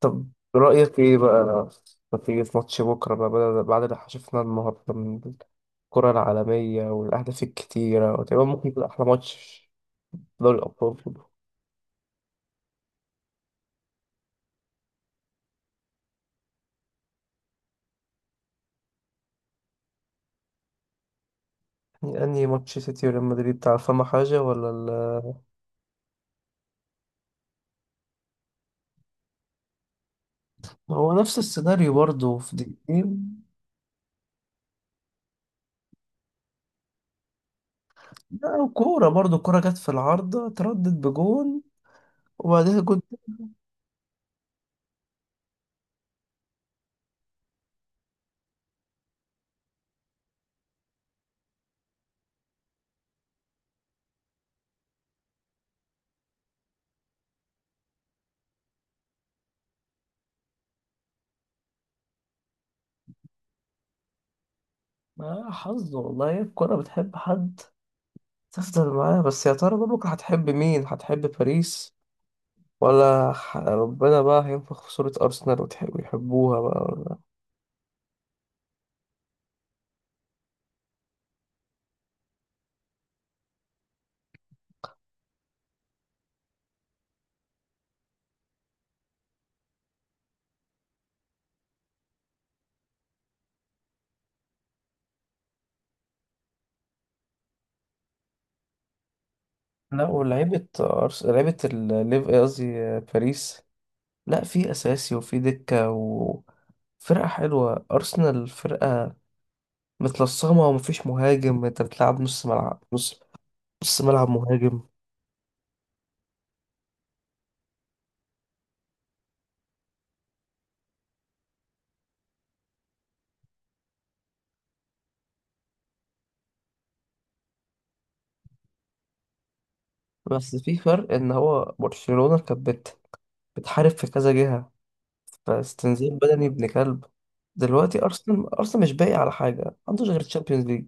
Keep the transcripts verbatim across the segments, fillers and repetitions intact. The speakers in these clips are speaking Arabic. طب، رأيك إيه بقى في في ماتش بكرة بقى بعد بعد اللي شفناه النهاردة من الكرة العالمية والأهداف الكتيرة، وتقريبا ممكن يكون أحلى ماتش في دوري الأبطال كله. يعني أنهي ماتش سيتي وريال مدريد بتاع فما حاجة ولا ال... ما هو نفس السيناريو برضه في دقيقتين. لا، وكورة برضه الكورة جت في العارضة تردد بجون وبعدها جون. ما حظ والله، الكورة بتحب حد تفضل معاه. بس يا ترى بقى بكرة هتحب مين؟ هتحب باريس ولا ح- ربنا بقى هينفخ في صورة أرسنال وتح- ويحبوها بقى ولا؟ لا، ولعيبة أرس... لعيبة الليف قصدي آه، باريس. لا، في أساسي وفي دكة وفرقة حلوة. أرسنال فرقة متلصمة ومفيش مهاجم، أنت بتلعب نص ملعب، نص نص ملعب مهاجم. بس في فرق إن هو برشلونة كانت بت... بتحارب في كذا جهة، فاستنزاف بدني ابن كلب. دلوقتي أرسنال أرسنال مش باقي على حاجة، ما عندوش غير تشامبيونز ليج.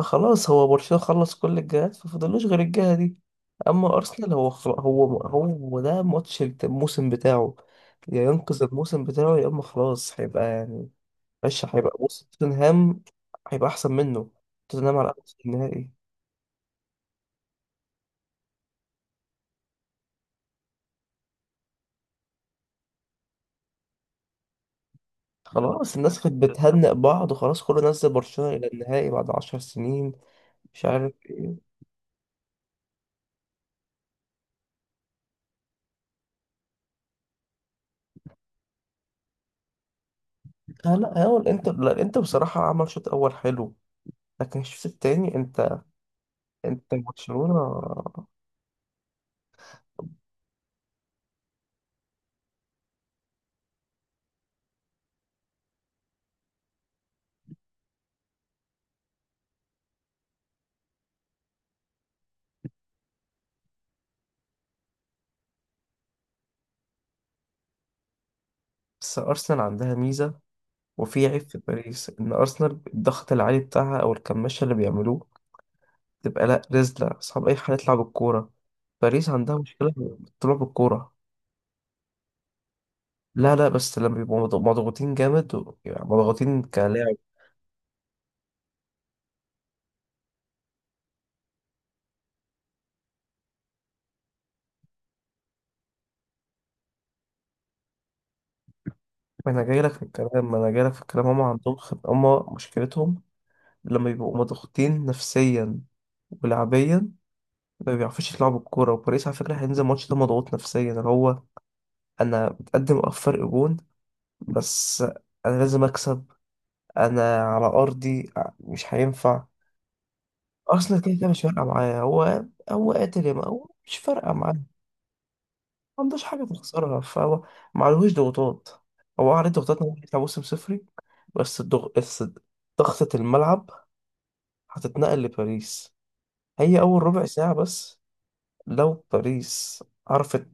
خلاص، هو برشلونة خلص كل الجهات ففضلوش غير الجهة دي. اما ارسنال هو خلا- هو هو ده ماتش الموسم بتاعه، يا ينقذ الموسم بتاعه يا اما خلاص هيبقى يعني مش هيبقى. بص، توتنهام هيبقى احسن منه، توتنهام على الاقل في النهائي. خلاص الناس كانت بتهنئ بعض وخلاص كله، نزل برشلونة الى النهائي بعد عشر سنين. مش عارف. آه لا، هو الانتر لا الانتر بصراحة عمل شوط اول حلو، لكن الشوط التاني انت انت برشلونة. بس ارسنال عندها ميزة وفي عيب في باريس، إن أرسنال الضغط العالي بتاعها أو الكماشة اللي بيعملوه تبقى لأ رزلة، صعب أي حد يطلع بالكورة. باريس عندها مشكلة بالطلوع بالكورة. لا لا، بس لما بيبقوا مضغ- مضغوطين جامد و- يعني مضغوطين كلاعب. ما أنا جايلك في الكلام ما أنا جايلك في الكلام، هما عندهم خب... هما مشكلتهم لما بيبقوا مضغوطين نفسيا ولعبيا ما بيعرفوش يلعبوا الكورة. وباريس على فكرة هينزل الماتش ده مضغوط نفسيا، اللي هو: أنا متقدم فرق جون بس أنا لازم أكسب، انا على ارضي، مش هينفع. اصلا كده كده مش فارقه معايا، هو هو قاتل يا ما هو مش فارقه معاه، ما عندوش حاجه تخسرها، فهو ما عليهوش ضغوطات. هو عليه ضغوطات إن هو يطلع موسم صفري. بس الضغ... بس ضغطة الملعب هتتنقل لباريس، هي اول ربع ساعه بس. لو باريس عرفت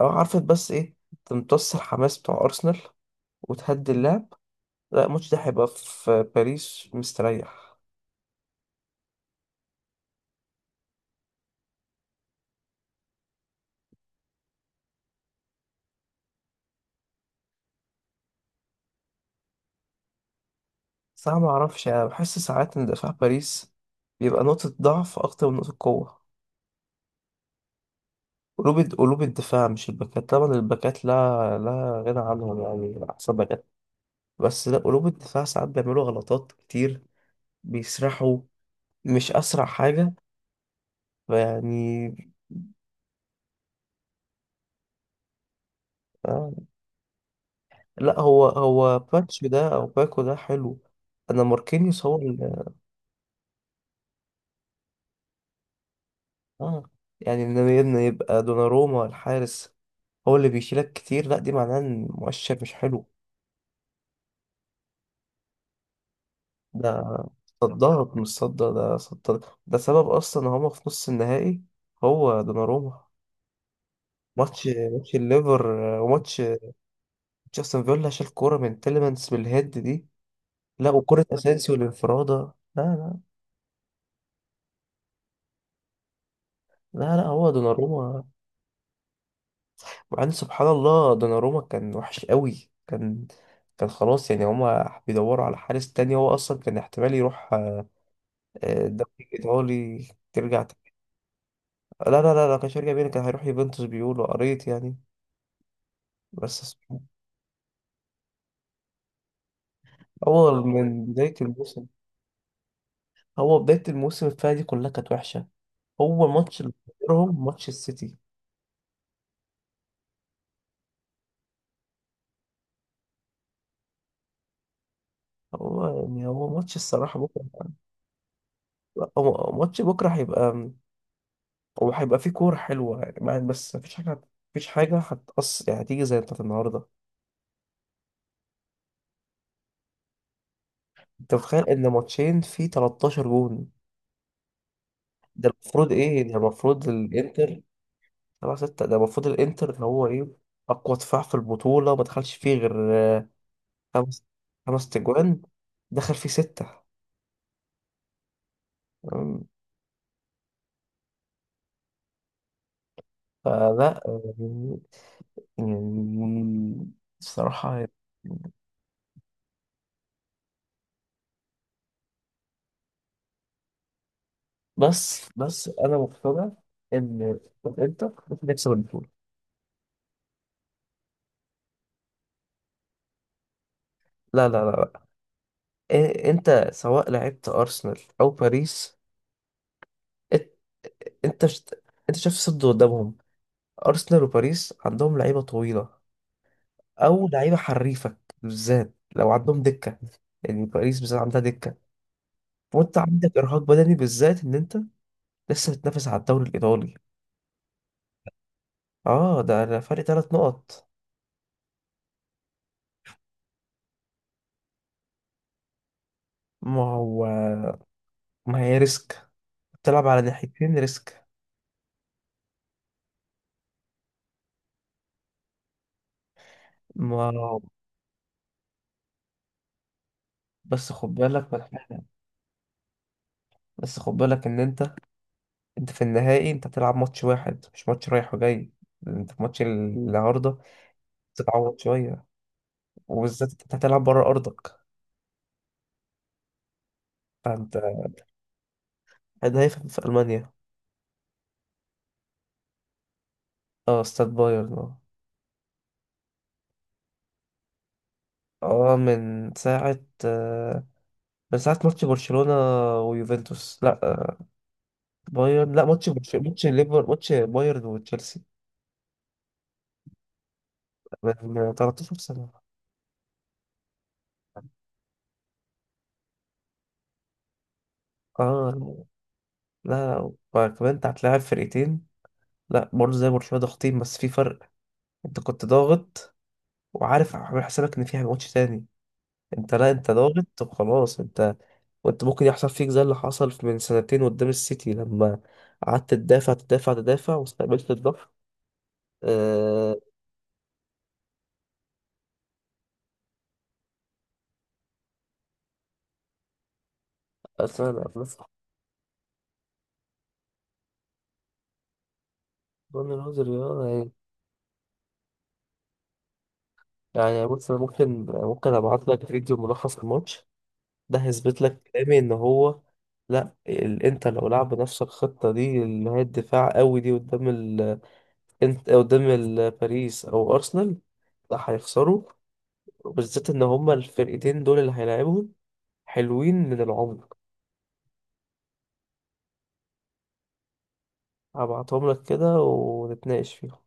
او عرفت بس ايه، تمتص الحماس بتاع ارسنال وتهدي اللعب، لا الماتش ده هيبقى في باريس مستريح. صعب، ما اعرفش، انا بحس ساعات ان دفاع باريس بيبقى نقطة ضعف اكتر من نقطة قوة. قلوب قلوب الدفاع، مش الباكات طبعا، الباكات لا لا غنى عنهم يعني احسن باكات. بس لا، قلوب الدفاع ساعات بيعملوا غلطات كتير، بيسرحوا، مش اسرع حاجة يعني. آه. لا، هو هو باتش ده او باكو ده حلو. انا ماركينيوس هو اللي، اه، يعني ان إن يبقى دوناروما الحارس هو اللي بيشيلك كتير، لا دي معناه ان مؤشر مش حلو. ده صدرت مش صدر ده صدر ده سبب اصلا ان هما في نص النهائي، هو دوناروما. ماتش ماتش الليفر، آه، وماتش جاستن فيلا، شال كوره من تيليمانس بالهيد دي. لا، وكرة اسينسيو الانفرادة. لا لا لا لا، هو دوناروما. وبعدين سبحان الله، دوناروما كان وحش قوي، كان كان خلاص يعني، هما بيدوروا على حارس تاني، هو اصلا كان احتمال يروح آه، آه، الدوري الايطالي. ترجع تاني. لا لا لا لا، كانش هيرجع بينا، كان هيروح يوفنتوس بيقولوا، قريت يعني. بس هو من بداية الموسم، هو بداية الموسم الفاية دي كلها كانت وحشة. هو ماتش اللي خسرهم ماتش السيتي. هو يعني هو ماتش الصراحة بكرة، هو ماتش بكرة هيبقى، هو هيبقى فيه كورة حلوة يعني مع- بس مفيش حاجة، مفيش حاجة هتقص يعني، هتيجي زي بتاعت النهاردة. انت متخيل ان ماتشين فيه تلتاشر جون؟ ده المفروض ايه، ده المفروض الانتر سبعة ستة، ده المفروض الانتر اللي هو ايه اقوى دفاع في البطولة، ما دخلش فيه غير آه، خمس خمس تجوان، دخل فيه ستة، تمام. فلا يعني، يعني الصراحة، بس بس أنا مقتنع إن إنتر هتكسب البطولة. لا لا لا لا، إيه، أنت سواء لعبت أرسنال أو باريس، إت- أنت شت- أنت شايف الصد قدامهم، أرسنال وباريس عندهم لعيبة طويلة أو لعيبة حريفة، بالذات لو عندهم دكة. يعني باريس بالذات عندها دكة، وأنت عندك إرهاق بدني، بالذات إن أنت لسه بتنافس على الدوري الإيطالي. اه ده ده فرق ثلاث نقط. ما هو ما هي ريسك، بتلعب على ناحيتين ريسك. ما بس خد بالك من حاجة، بس خد بالك ان انت، انت في النهائي انت هتلعب ماتش واحد، مش ماتش رايح وجاي. انت في ماتش النهارده تتعوض شوية، وبالذات انت هتلعب بره ارضك. فانت، ده هيفهم في المانيا. اه، استاد بايرن، اه. اه من ساعة، آه، من ساعة ماتش برشلونة ويوفنتوس. لا آه، بايرن. لا ماتش برشلونة، ماتش ليفر، ماتش بايرن وتشيلسي، من تلتاشر سنة. اه. لا وكمان انت هتلاعب فرقتين، لا برضه زي برشلونة ضاغطين، بس في فرق. انت كنت ضاغط وعارف عامل حسابك ان فيها ماتش تاني. انت لا، انت ضاغط وخلاص انت. وانت ممكن يحصل فيك زي اللي حصل من سنتين قدام السيتي، لما قعدت تدافع تدافع تدافع واستقبلت الضغط. آه، اصلا انا بس جون الهزر يا يعني. يعني بص، انا ممكن ممكن ابعت لك فيديو ملخص الماتش، ده هيثبت لك كلامي ان هو، لا ال... انت لو لعب نفس الخطه دي اللي هي الدفاع قوي دي قدام ال... انت قدام ال... باريس او ارسنال، لا هيخسروا، وبالذات ان هما الفرقتين دول اللي هيلاعبهم حلوين من العمر. هبعتهم لك كده ونتناقش فيهم.